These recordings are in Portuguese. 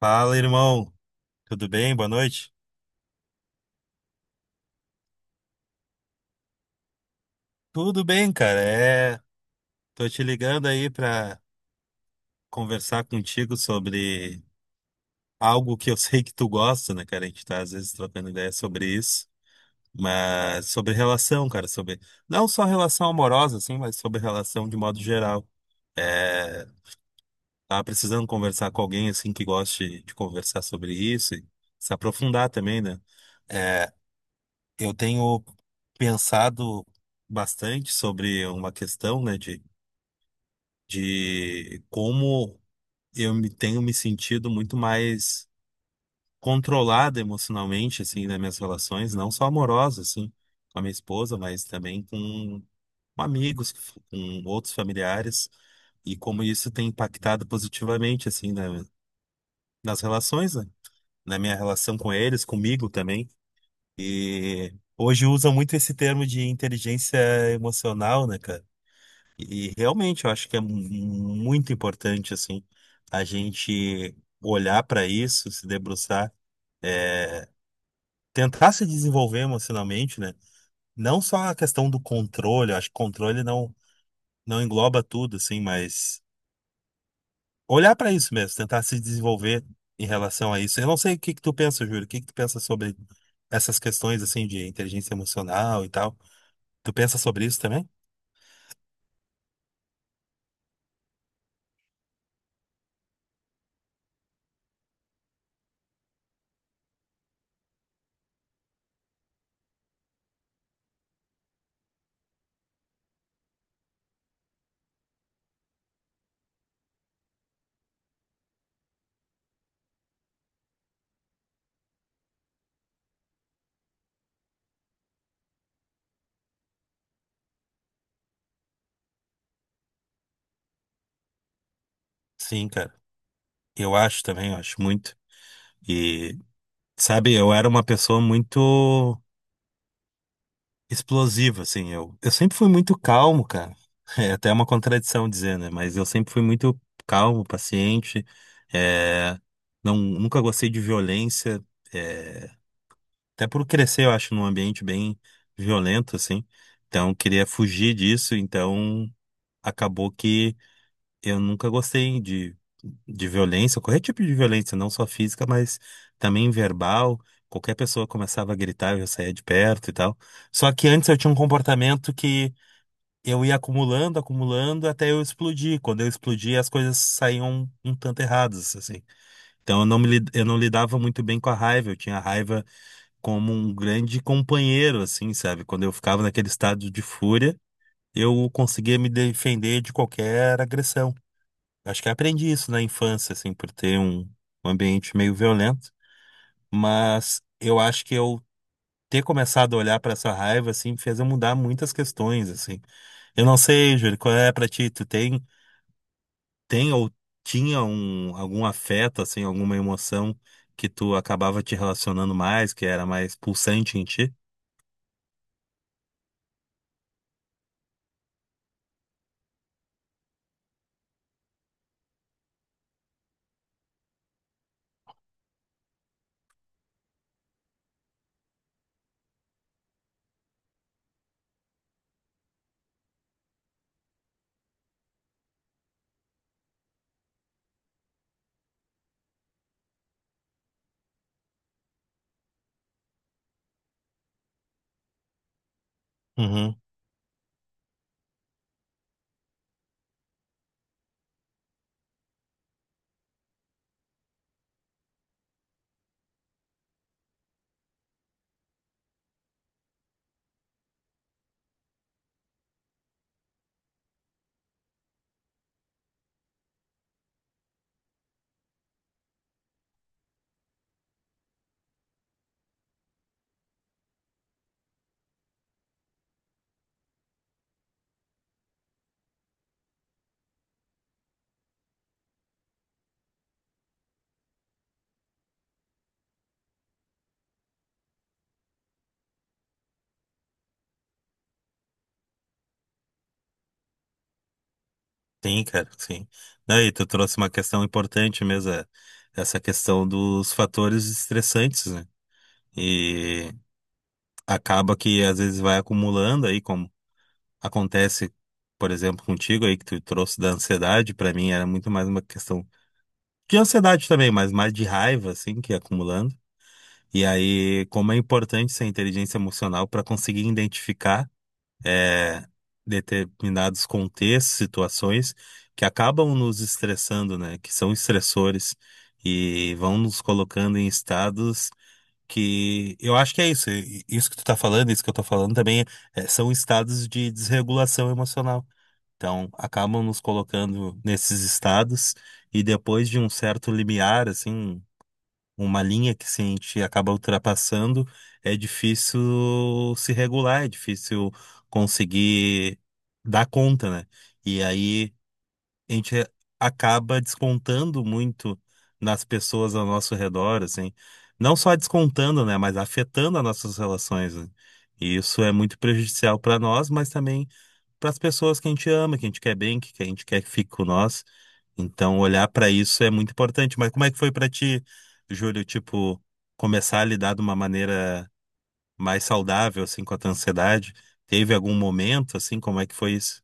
Fala, irmão. Tudo bem? Boa noite. Tudo bem, cara. Tô te ligando aí pra conversar contigo sobre algo que eu sei que tu gosta, né, cara? A gente tá às vezes trocando ideia sobre isso, mas sobre relação, cara, sobre não só relação amorosa assim, mas sobre relação de modo geral. É, tava precisando conversar com alguém assim que goste de conversar sobre isso e se aprofundar também, né? É, Eu tenho pensado bastante sobre uma questão, né, de como eu me tenho me sentido muito mais controlado emocionalmente, assim, nas minhas relações, não só amorosas, assim, com a minha esposa, mas também com amigos, com outros familiares, e como isso tem impactado positivamente, assim, nas relações, né, na minha relação com eles, comigo também. E hoje usam muito esse termo de inteligência emocional, né, cara? E realmente eu acho que é muito importante, assim, a gente olhar para isso, se debruçar, é, tentar se desenvolver emocionalmente, né? Não só a questão do controle, eu acho que controle não, não engloba tudo, assim, mas olhar para isso mesmo, tentar se desenvolver em relação a isso. Eu não sei o que que tu pensa, Júlio, o que que tu pensa sobre essas questões, assim, de inteligência emocional e tal. Tu pensa sobre isso também? Sim, cara. Eu acho também, eu acho muito. E, sabe, eu era uma pessoa muito explosiva, assim. Eu sempre fui muito calmo, cara. É até uma contradição dizer, né? Mas eu sempre fui muito calmo, paciente. É, não, nunca gostei de violência. É, até por crescer, eu acho, num ambiente bem violento, assim. Então, eu queria fugir disso. Então, acabou que. Eu nunca gostei de violência, qualquer tipo de violência, não só física, mas também verbal. Qualquer pessoa começava a gritar, eu já saía de perto e tal. Só que antes eu tinha um comportamento que eu ia acumulando, acumulando, até eu explodir. Quando eu explodia, as coisas saíam um tanto erradas, assim. Então eu não lidava muito bem com a raiva. Eu tinha a raiva como um grande companheiro, assim, sabe? Quando eu ficava naquele estado de fúria, eu conseguia me defender de qualquer agressão. Acho que aprendi isso na infância, assim, por ter um ambiente meio violento, mas eu acho que eu ter começado a olhar para essa raiva, assim, fez eu mudar muitas questões, assim. Eu não sei, Júlio, qual é para ti? Tem ou tinha algum afeto, assim, alguma emoção que tu acabava te relacionando mais, que era mais pulsante em ti? Uhum. Sim, cara, sim. Daí tu trouxe uma questão importante mesmo, é essa questão dos fatores estressantes, né? E acaba que às vezes vai acumulando aí, como acontece, por exemplo, contigo aí que tu trouxe da ansiedade, pra mim era muito mais uma questão de ansiedade também, mas mais de raiva assim que ia acumulando. E aí, como é importante essa inteligência emocional para conseguir identificar eh, determinados contextos, situações que acabam nos estressando, né? Que são estressores e vão nos colocando em estados que eu acho que é isso. Isso que tu tá falando, isso que eu tô falando também é, são estados de desregulação emocional. Então, acabam nos colocando nesses estados e depois de um certo limiar, assim, uma linha que se a gente acaba ultrapassando, é difícil se regular, é difícil conseguir dar conta, né? E aí a gente acaba descontando muito nas pessoas ao nosso redor, assim. Não só descontando, né, mas afetando as nossas relações, né? E isso é muito prejudicial para nós, mas também para as pessoas que a gente ama, que a gente quer bem, que a gente quer que fique com nós. Então, olhar para isso é muito importante. Mas como é que foi para ti, Júlio, tipo, começar a lidar de uma maneira mais saudável, assim, com a tua ansiedade? Teve algum momento, assim, como é que foi isso?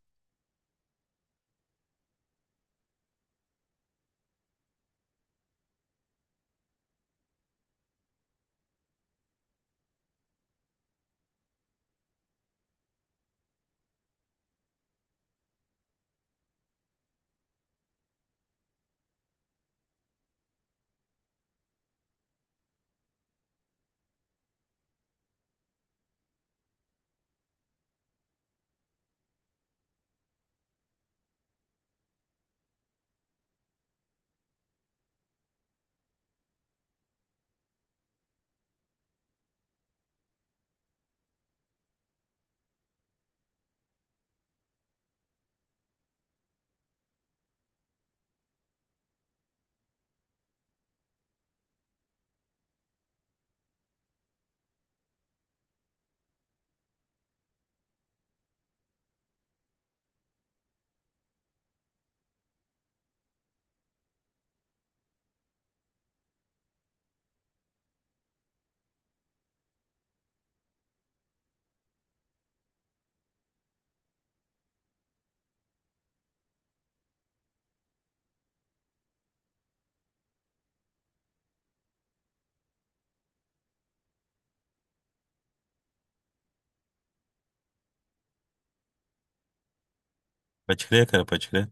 Pode crer, cara, pode crer.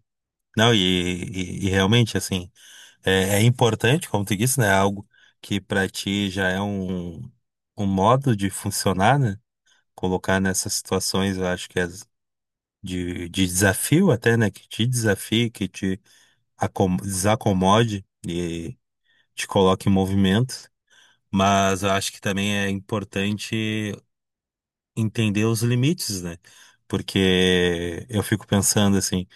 Não, e realmente, assim, é, é importante, como tu disse, né? Algo que para ti já é um modo de funcionar, né? Colocar nessas situações, eu acho que é de desafio até, né? Que te desafie, que te desacomode e te coloque em movimento. Mas eu acho que também é importante entender os limites, né? Porque eu fico pensando assim.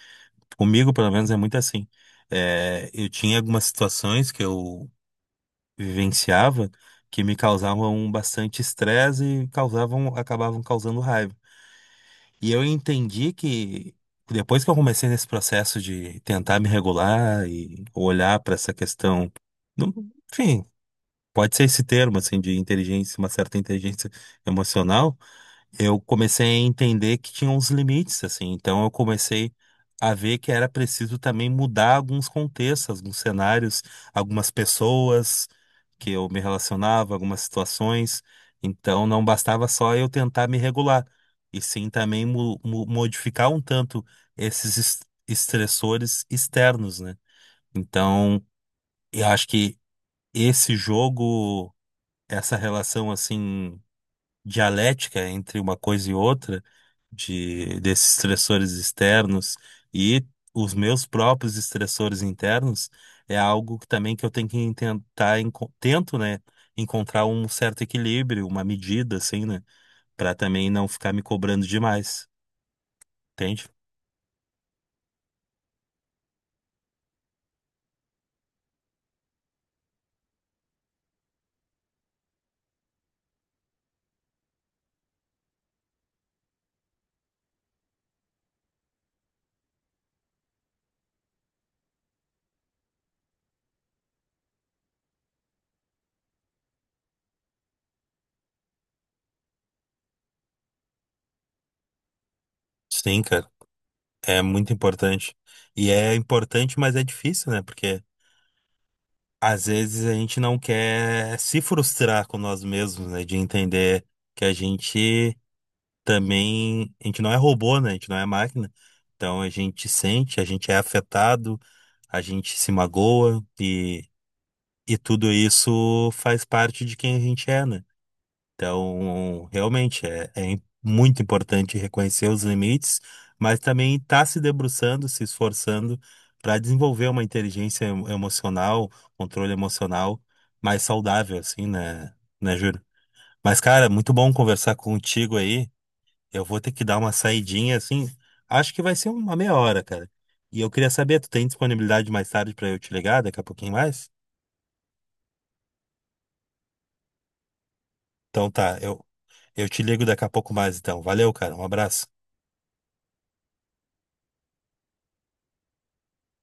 Comigo, pelo menos, é muito assim. Eu tinha algumas situações que eu vivenciava que me causavam bastante estresse e causavam, acabavam causando raiva. E eu entendi que depois que eu comecei nesse processo de tentar me regular e olhar para essa questão, não- enfim, pode ser esse termo assim de inteligência, uma certa inteligência emocional, eu comecei a entender que tinha uns limites, assim. Então eu comecei a ver que era preciso também mudar alguns contextos, alguns cenários, algumas pessoas que eu me relacionava, algumas situações. Então não bastava só eu tentar me regular, e sim também modificar um tanto esses estressores externos, né? Então eu acho que esse jogo, essa relação assim dialética entre uma coisa e outra, de desses estressores externos e os meus próprios estressores internos, é algo que também que eu tenho que tentar, tento, né, encontrar um certo equilíbrio, uma medida, assim, né, para também não ficar me cobrando demais, entende? Sim, cara, é muito importante. E é importante, mas é difícil, né, porque às vezes a gente não quer se frustrar com nós mesmos, né, de entender que a gente também a gente não é robô, né? A gente não é máquina. Então a gente sente, a gente é afetado, a gente se magoa e tudo isso faz parte de quem a gente é, né? Então, realmente é, é muito importante reconhecer os limites, mas também estar se debruçando, se esforçando para desenvolver uma inteligência emocional, controle emocional mais saudável, assim, né, né, Júlio? Mas, cara, muito bom conversar contigo aí. Eu vou ter que dar uma saidinha assim. Acho que vai ser uma meia hora, cara. E eu queria saber, tu tem disponibilidade mais tarde pra eu te ligar daqui a pouquinho mais? Então tá, eu te ligo daqui a pouco mais então. Valeu, cara. Um abraço.